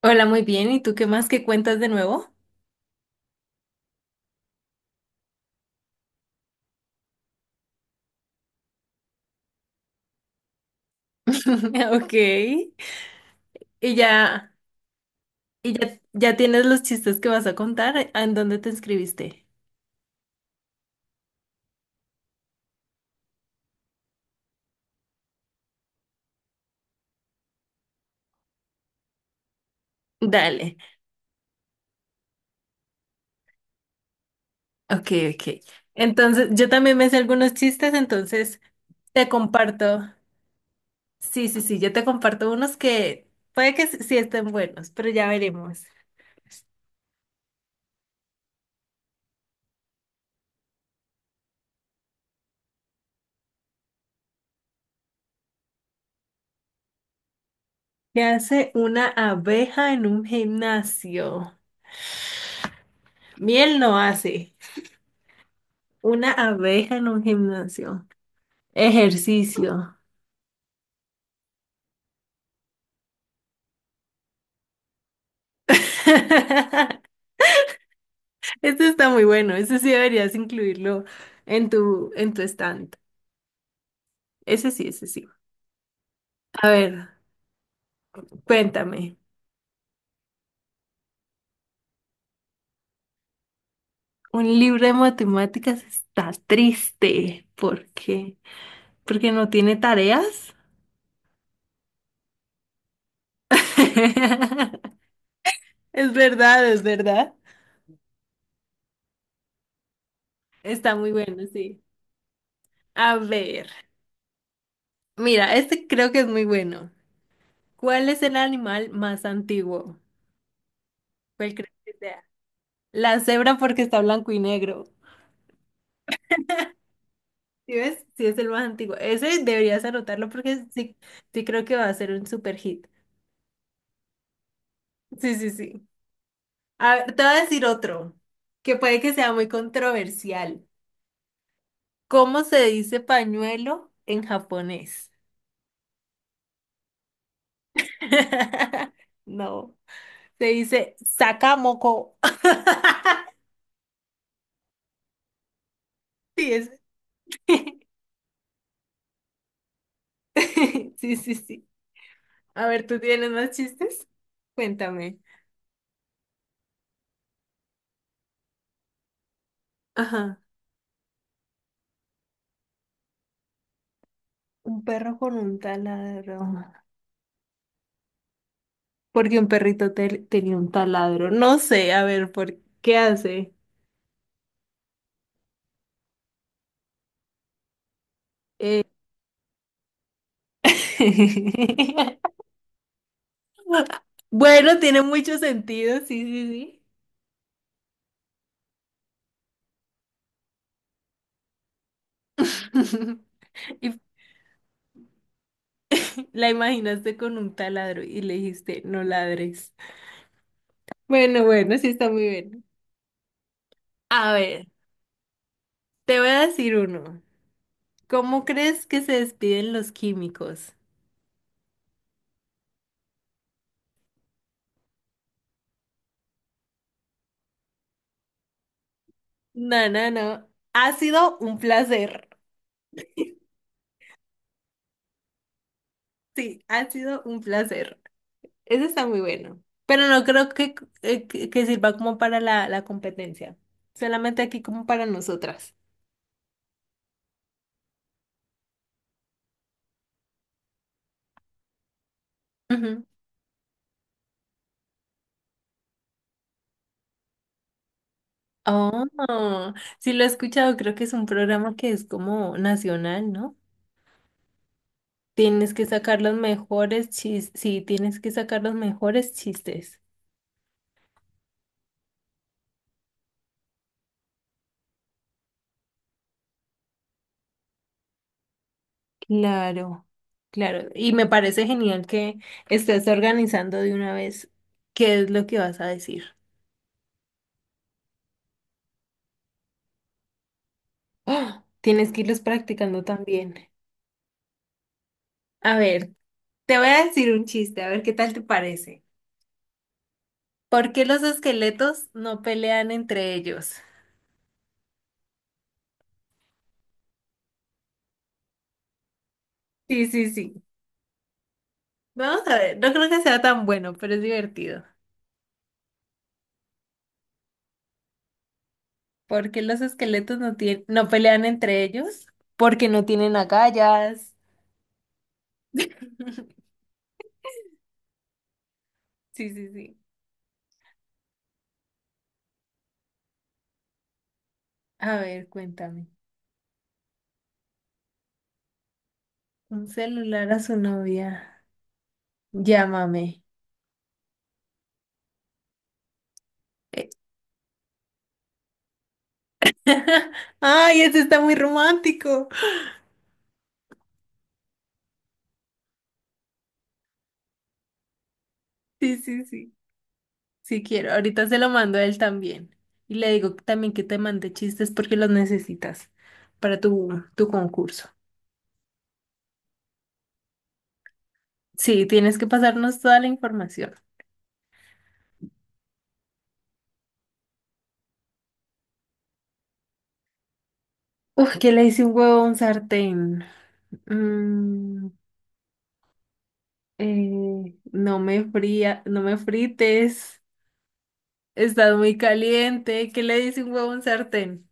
Hola, muy bien. ¿Y tú qué más que cuentas de nuevo? Ok. Y ya, y ya, ya tienes los chistes que vas a contar. ¿En dónde te inscribiste? Dale. Ok. Entonces, yo también me sé algunos chistes, entonces te comparto. Sí, yo te comparto unos que puede que s- sí estén buenos, pero ya veremos. ¿Qué hace una abeja en un gimnasio? Miel no hace. Una abeja en un gimnasio. Ejercicio. Este está muy bueno, ese sí deberías incluirlo en tu stand. Ese sí. A ver, cuéntame, un libro de matemáticas está triste. ¿Por qué? ¿Porque no tiene tareas? Es verdad, es verdad. Está muy bueno, sí. A ver, mira, este creo que es muy bueno. ¿Cuál es el animal más antiguo? ¿Cuál crees que sea? La cebra porque está blanco y negro. ¿Sí ves? Sí, es el más antiguo. Ese deberías anotarlo porque sí, sí creo que va a ser un super hit. Sí. A ver, te voy a decir otro, que puede que sea muy controversial. ¿Cómo se dice pañuelo en japonés? No, se dice sakamoko. Sí, es. Sí. A ver, ¿tú tienes más chistes? Cuéntame. Ajá. Un perro con un taladro. Porque un perrito te- tenía un taladro. No sé, a ver, ¿por qué hace? Eh, Bueno, tiene mucho sentido, sí. Y la imaginaste con un taladro y le dijiste, no ladres. Bueno, sí está muy bien. A ver, te voy a decir uno. ¿Cómo crees que se despiden los químicos? No. Ha sido un placer. Sí, ha sido un placer. Ese está muy bueno. Pero no creo que, que sirva como para la competencia. Solamente aquí como para nosotras. Ujú. Oh, sí lo he escuchado. Creo que es un programa que es como nacional, ¿no? Tienes que sacar los mejores chistes. Sí, tienes que sacar los mejores chistes. Claro, claro. Y me parece genial que estés organizando de una vez qué es lo que vas a decir. ¡Oh! Tienes que irlos practicando también. A ver. Te voy a decir un chiste, a ver qué tal te parece. ¿Por qué los esqueletos no pelean entre ellos? Sí. Vamos a ver, no creo que sea tan bueno, pero es divertido. ¿Por qué los esqueletos no pelean entre ellos? Porque no tienen agallas. Sí. A ver, cuéntame. Un celular a su novia. Llámame. Eh, Ay, ese está muy romántico. Sí. Si quiero, ahorita se lo mando a él también. Y le digo también que te mande chistes porque los necesitas para tu concurso. Sí, tienes que pasarnos toda la información. Uf, que le hice un huevo a un sartén. Mm, no me frites. Estás muy caliente. ¿Qué le dice un huevo a un sartén?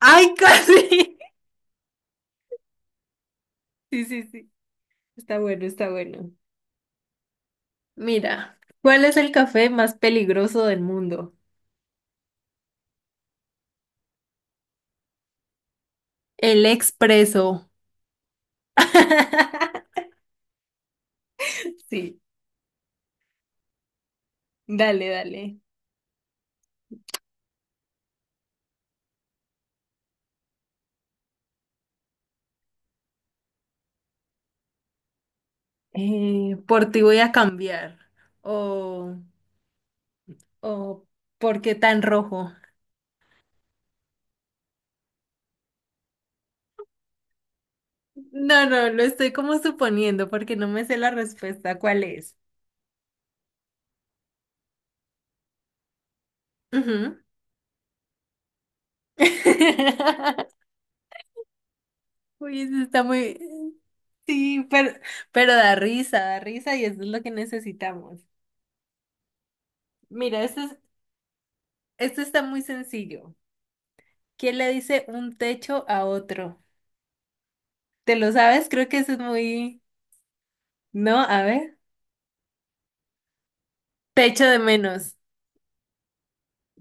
¡Ay, casi! Sí. Está bueno, está bueno. Mira, ¿cuál es el café más peligroso del mundo? El expreso. Sí, dale. Por ti voy a cambiar. O, o, ¿por qué tan rojo? No, lo estoy como suponiendo porque no me sé la respuesta. ¿Cuál es? Ujú. Uy, eso está muy... Sí, pero da risa y eso es lo que necesitamos. Mira, esto está muy sencillo. ¿Quién le dice un techo a otro? ¿Te lo sabes? Creo que eso es muy... No, a ver. Te echo de menos.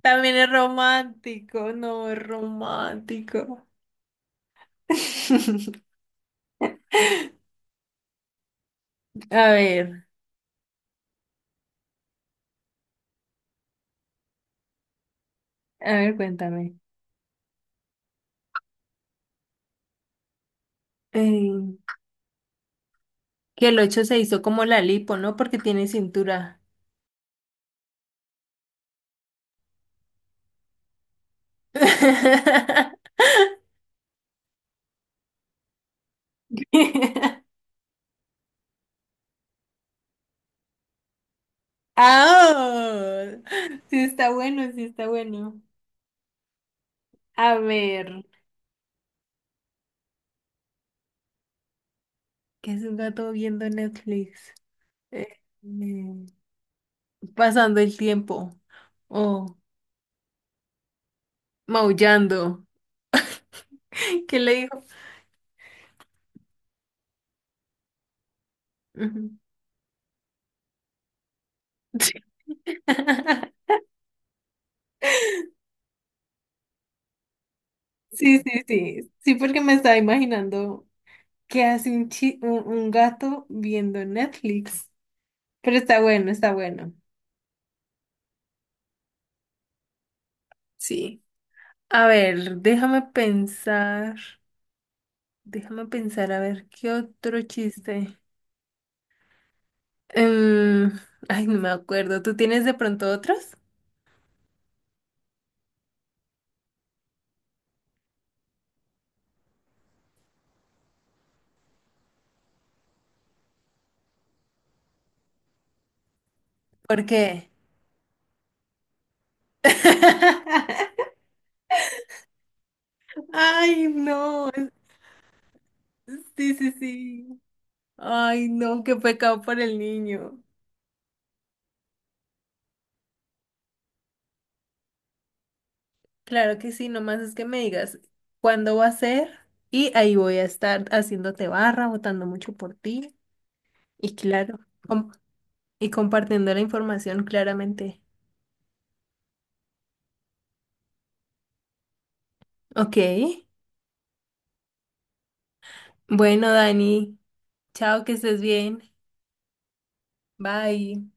También es romántico, no, es romántico. A ver, cuéntame. Eh, que el 8 se hizo como la lipo, ¿no? Porque tiene cintura. ¡Ah! Sí está bueno, sí está bueno. A ver, ¿qué es un gato viendo Netflix? Eh, mm, pasando el tiempo o maullando. ¿Qué le dijo? Ujú. Sí. Sí, porque me estaba imaginando qué hace chi- un gato viendo Netflix. Pero está bueno, está bueno. Sí. A ver, déjame pensar. Déjame pensar, a ver, ¿qué otro chiste? Em, ay, no me acuerdo. ¿Tú tienes de pronto otros? ¿Por qué? Ay, no. Sí. Ay, no, qué pecado por el niño. Claro que sí, nomás es que me digas cuándo va a ser y ahí voy a estar haciéndote barra, votando mucho por ti y claro, com- y compartiendo la información claramente. Ok, bueno, Dani, chao, que estés bien. Bye.